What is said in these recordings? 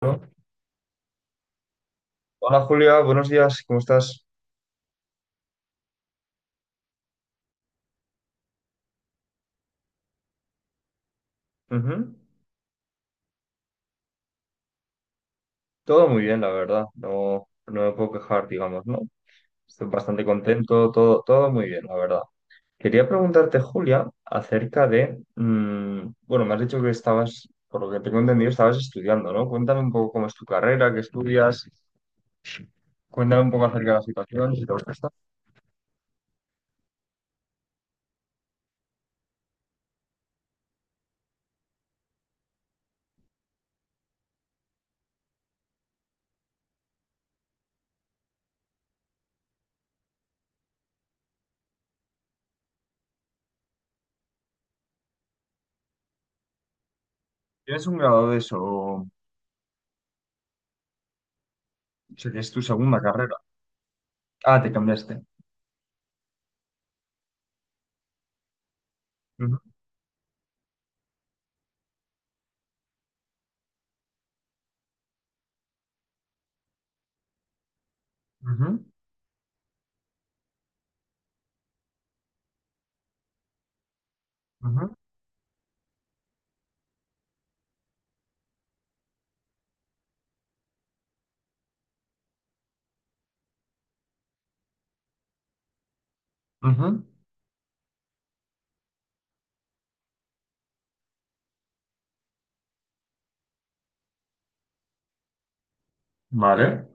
Bueno, hola Julia, buenos días, ¿cómo estás? Ujú. Todo muy bien, la verdad, no me puedo quejar, digamos, ¿no? Estoy bastante contento, todo muy bien, la verdad. Quería preguntarte, Julia, acerca de, bueno, me has dicho que estabas, por lo que tengo entendido, estabas estudiando, ¿no? Cuéntame un poco cómo es tu carrera, qué estudias, cuéntame un poco acerca de la situación, si te gusta esto. ¿Tienes un grado de eso? O sea, que es tu segunda carrera. Ah, te cambiaste. Ujú, ujú, ujú, ujú. Vale.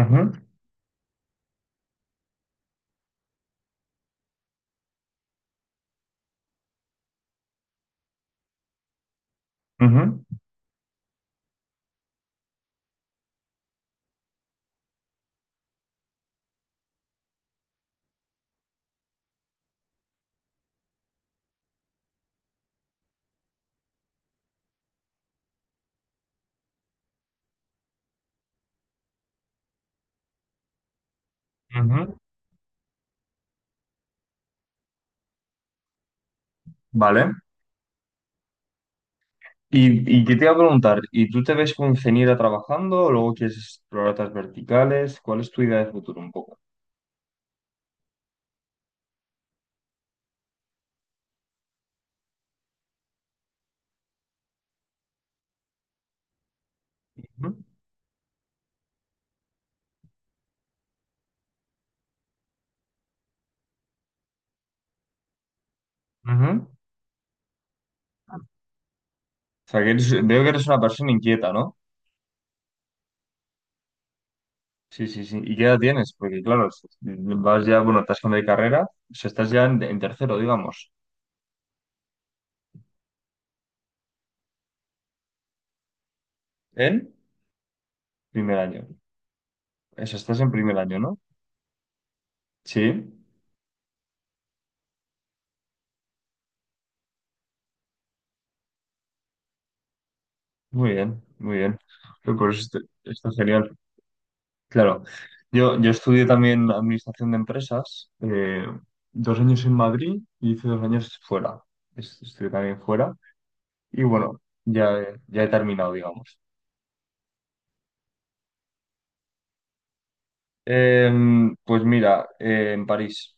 Ujú. Ujú, ujú, vale. Y que te iba a preguntar, ¿y tú te ves como ingeniera trabajando o luego quieres explorar otras verticales? ¿Cuál es tu idea de futuro un poco? Ujú, ujú. O sea, que eres, veo que eres una persona inquieta, ¿no? Sí, sí, sí. ¿Y qué edad tienes? Porque claro, es, vas ya, bueno, te has cambiado de carrera, o sea, estás ya en tercero, digamos. ¿En? Primer año. Eso, estás en primer año, ¿no? Sí. Muy bien, muy bien. Pues está, está genial. Claro, yo estudié también administración de empresas, dos años en Madrid y hice dos años fuera. Es- Estudié también fuera y bueno, ya he terminado, digamos. Pues mira, en París.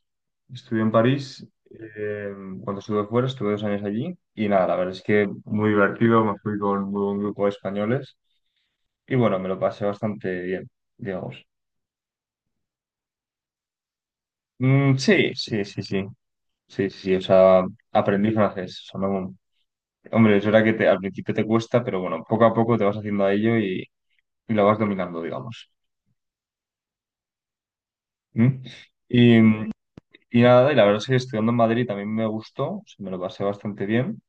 Estudié en París, cuando estuve fuera, estuve dos años allí y nada, la verdad es que muy divertido, me fui con un buen grupo de españoles y bueno, me lo pasé bastante bien, digamos. Sí, sí, sí, sí, sí, sí, sí, o sea, aprendí francés, o sea, no- Hombre, es verdad que te- al principio te cuesta, pero bueno, poco a poco te vas haciendo a ello y lo vas dominando, digamos. ¿Mm? Y, y nada, y la verdad es que estudiando en Madrid también me gustó, o sea, me lo pasé bastante bien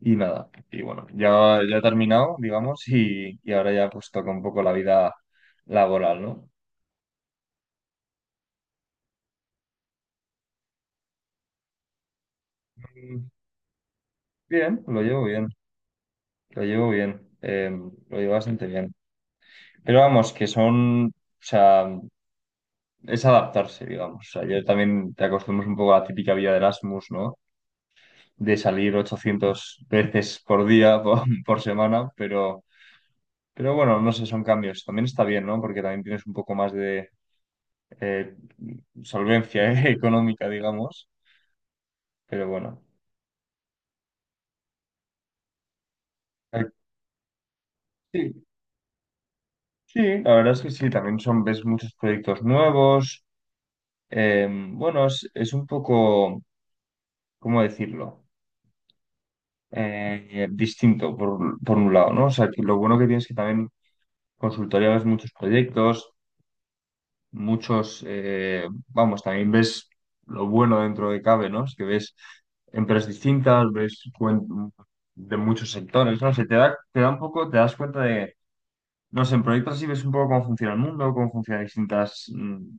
y nada, y bueno, ya, ya he terminado, digamos, y ahora ya pues toca un poco la vida laboral, ¿no? Mm, Bien, lo llevo bien, lo llevo bien, lo llevo bastante bien. Pero vamos, que son, o sea, es adaptarse, digamos, o sea, yo también te acostumbras un poco a la típica vida de Erasmus, ¿no? De salir 800 veces por día, por semana, pero bueno, no sé, son cambios. También está bien, ¿no? Porque también tienes un poco más de eh, solvencia económica, digamos, pero bueno. Eh, Sí, sí, la verdad es que sí, también son, ves muchos proyectos nuevos. Bueno, es un poco, ¿cómo decirlo? Distinto por un lado, ¿no? O sea, que lo bueno que tienes es que también consultoría ves muchos proyectos, muchos, vamos, también ves lo bueno dentro de cabe, ¿no? Es que ves empresas distintas, ves cuen- de muchos sectores, ¿no? Se te da un poco, te das cuenta de, no sé, en proyectos así ves un poco cómo funciona el mundo, cómo funcionan distintas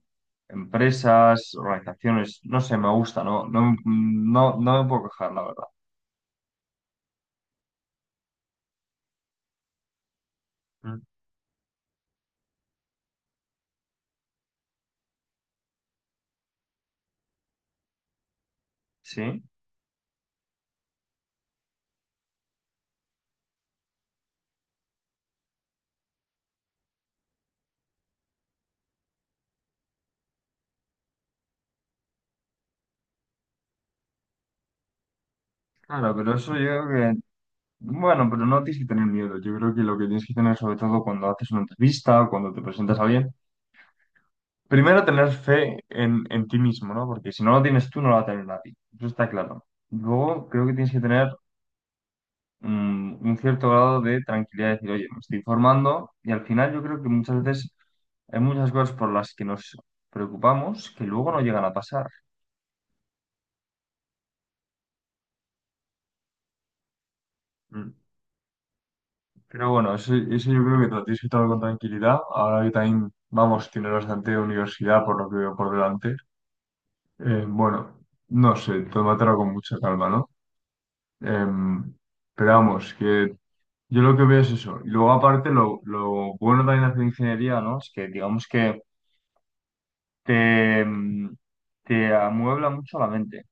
empresas, organizaciones, no sé, me gusta, ¿no? No, no, no me puedo quejar, la verdad. Mm. Sí, claro, pero eso yo creo que, bueno, pero no tienes que tener miedo. Yo creo que lo que tienes que tener sobre todo cuando haces una entrevista o cuando te presentas a alguien primero tener fe en ti mismo, ¿no? Porque si no lo tienes tú, no lo va a tener nadie. Eso está claro. Luego creo que tienes que tener un cierto grado de tranquilidad, decir, oye, me estoy formando y al final yo creo que muchas veces hay muchas cosas por las que nos preocupamos que luego no llegan a pasar. Mm. Pero bueno, eso yo creo que te lo tienes que tomar con tranquilidad. Ahora que también, vamos, tienes bastante universidad por lo que veo por delante. Bueno, no sé, tómatelo con mucha calma, ¿no? Em, pero vamos, que yo lo que veo es eso. Y luego, aparte, lo bueno también de hacer ingeniería, ¿no? Es que, digamos que te, mm, te amuebla mucho la mente.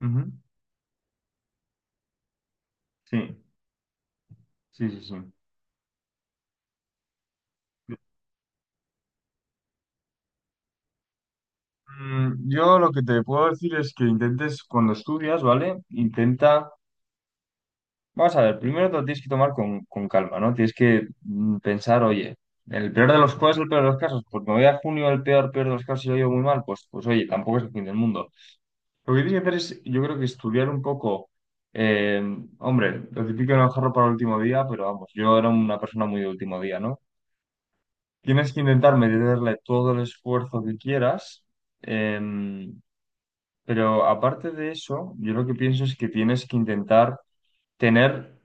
Ujú. Sí, sí, sí, sí. Yo lo que te puedo decir es que intentes, cuando estudias, ¿vale? Intenta, vamos a ver, primero te lo tienes que tomar con calma, ¿no? Tienes que pensar, oye, el peor de los, ¿cuál es el peor de los casos? Pues me voy a junio, el peor, peor de los casos, y lo llevo muy mal, pues, pues oye, tampoco es el fin del mundo. Lo que tienes que hacer es, yo creo que estudiar un poco, eh, hombre, lo típico no dejarlo para el último día, pero vamos, yo era una persona muy de último día, ¿no? Tienes que intentar meterle todo el esfuerzo que quieras, eh, pero aparte de eso, yo lo que pienso es que tienes que intentar tener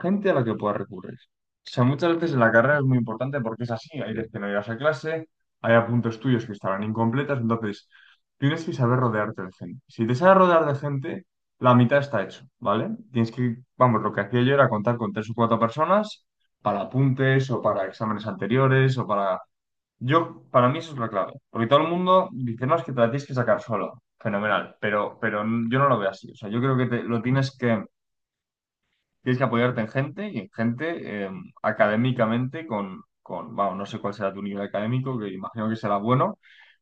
gente a la que puedas recurrir. O sea, muchas veces en la carrera es muy importante porque es así, hay veces que no llegas a clase, hay apuntes tuyos que estarán incompletas, entonces tienes que saber rodearte de gente. Si te sabes rodear de gente, la mitad está hecho, ¿vale? Tienes que, vamos, lo que hacía yo era contar con tres o cuatro personas para apuntes o para exámenes anteriores o para... Yo, para mí eso es la clave, porque todo el mundo dice, no, es que te la tienes que sacar solo, fenomenal, pero yo no lo veo así, o sea, yo creo que te- lo tienes que tienes que apoyarte en gente y en gente académicamente con, vamos, no sé cuál será tu nivel académico, que imagino que será bueno,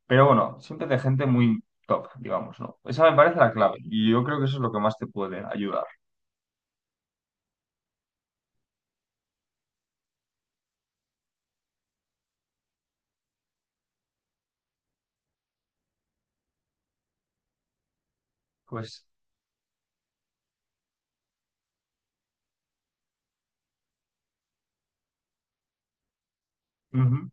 pero bueno, siempre de gente muy top, digamos, ¿no? Esa me parece la clave y yo creo que eso es lo que más te puede ayudar. Pues, ujú.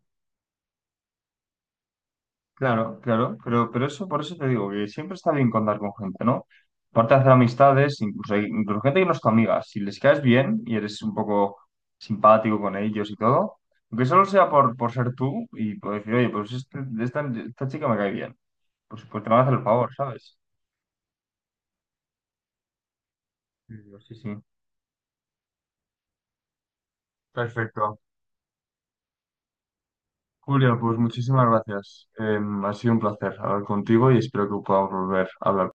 Claro, claro, pero eso por eso te digo que siempre está bien contar con gente, ¿no? Aparte de hacer amistades, incluso gente que no es tu amiga, si les caes bien y eres un poco simpático con ellos y todo, aunque solo sea por ser tú y por decir, oye, pues este- esta chica me cae bien, pues te van a hacer el favor, ¿sabes? Y digo, sí, sí. Perfecto. Julia, pues muchísimas gracias. Ha sido un placer hablar contigo y espero que podamos volver a hablar.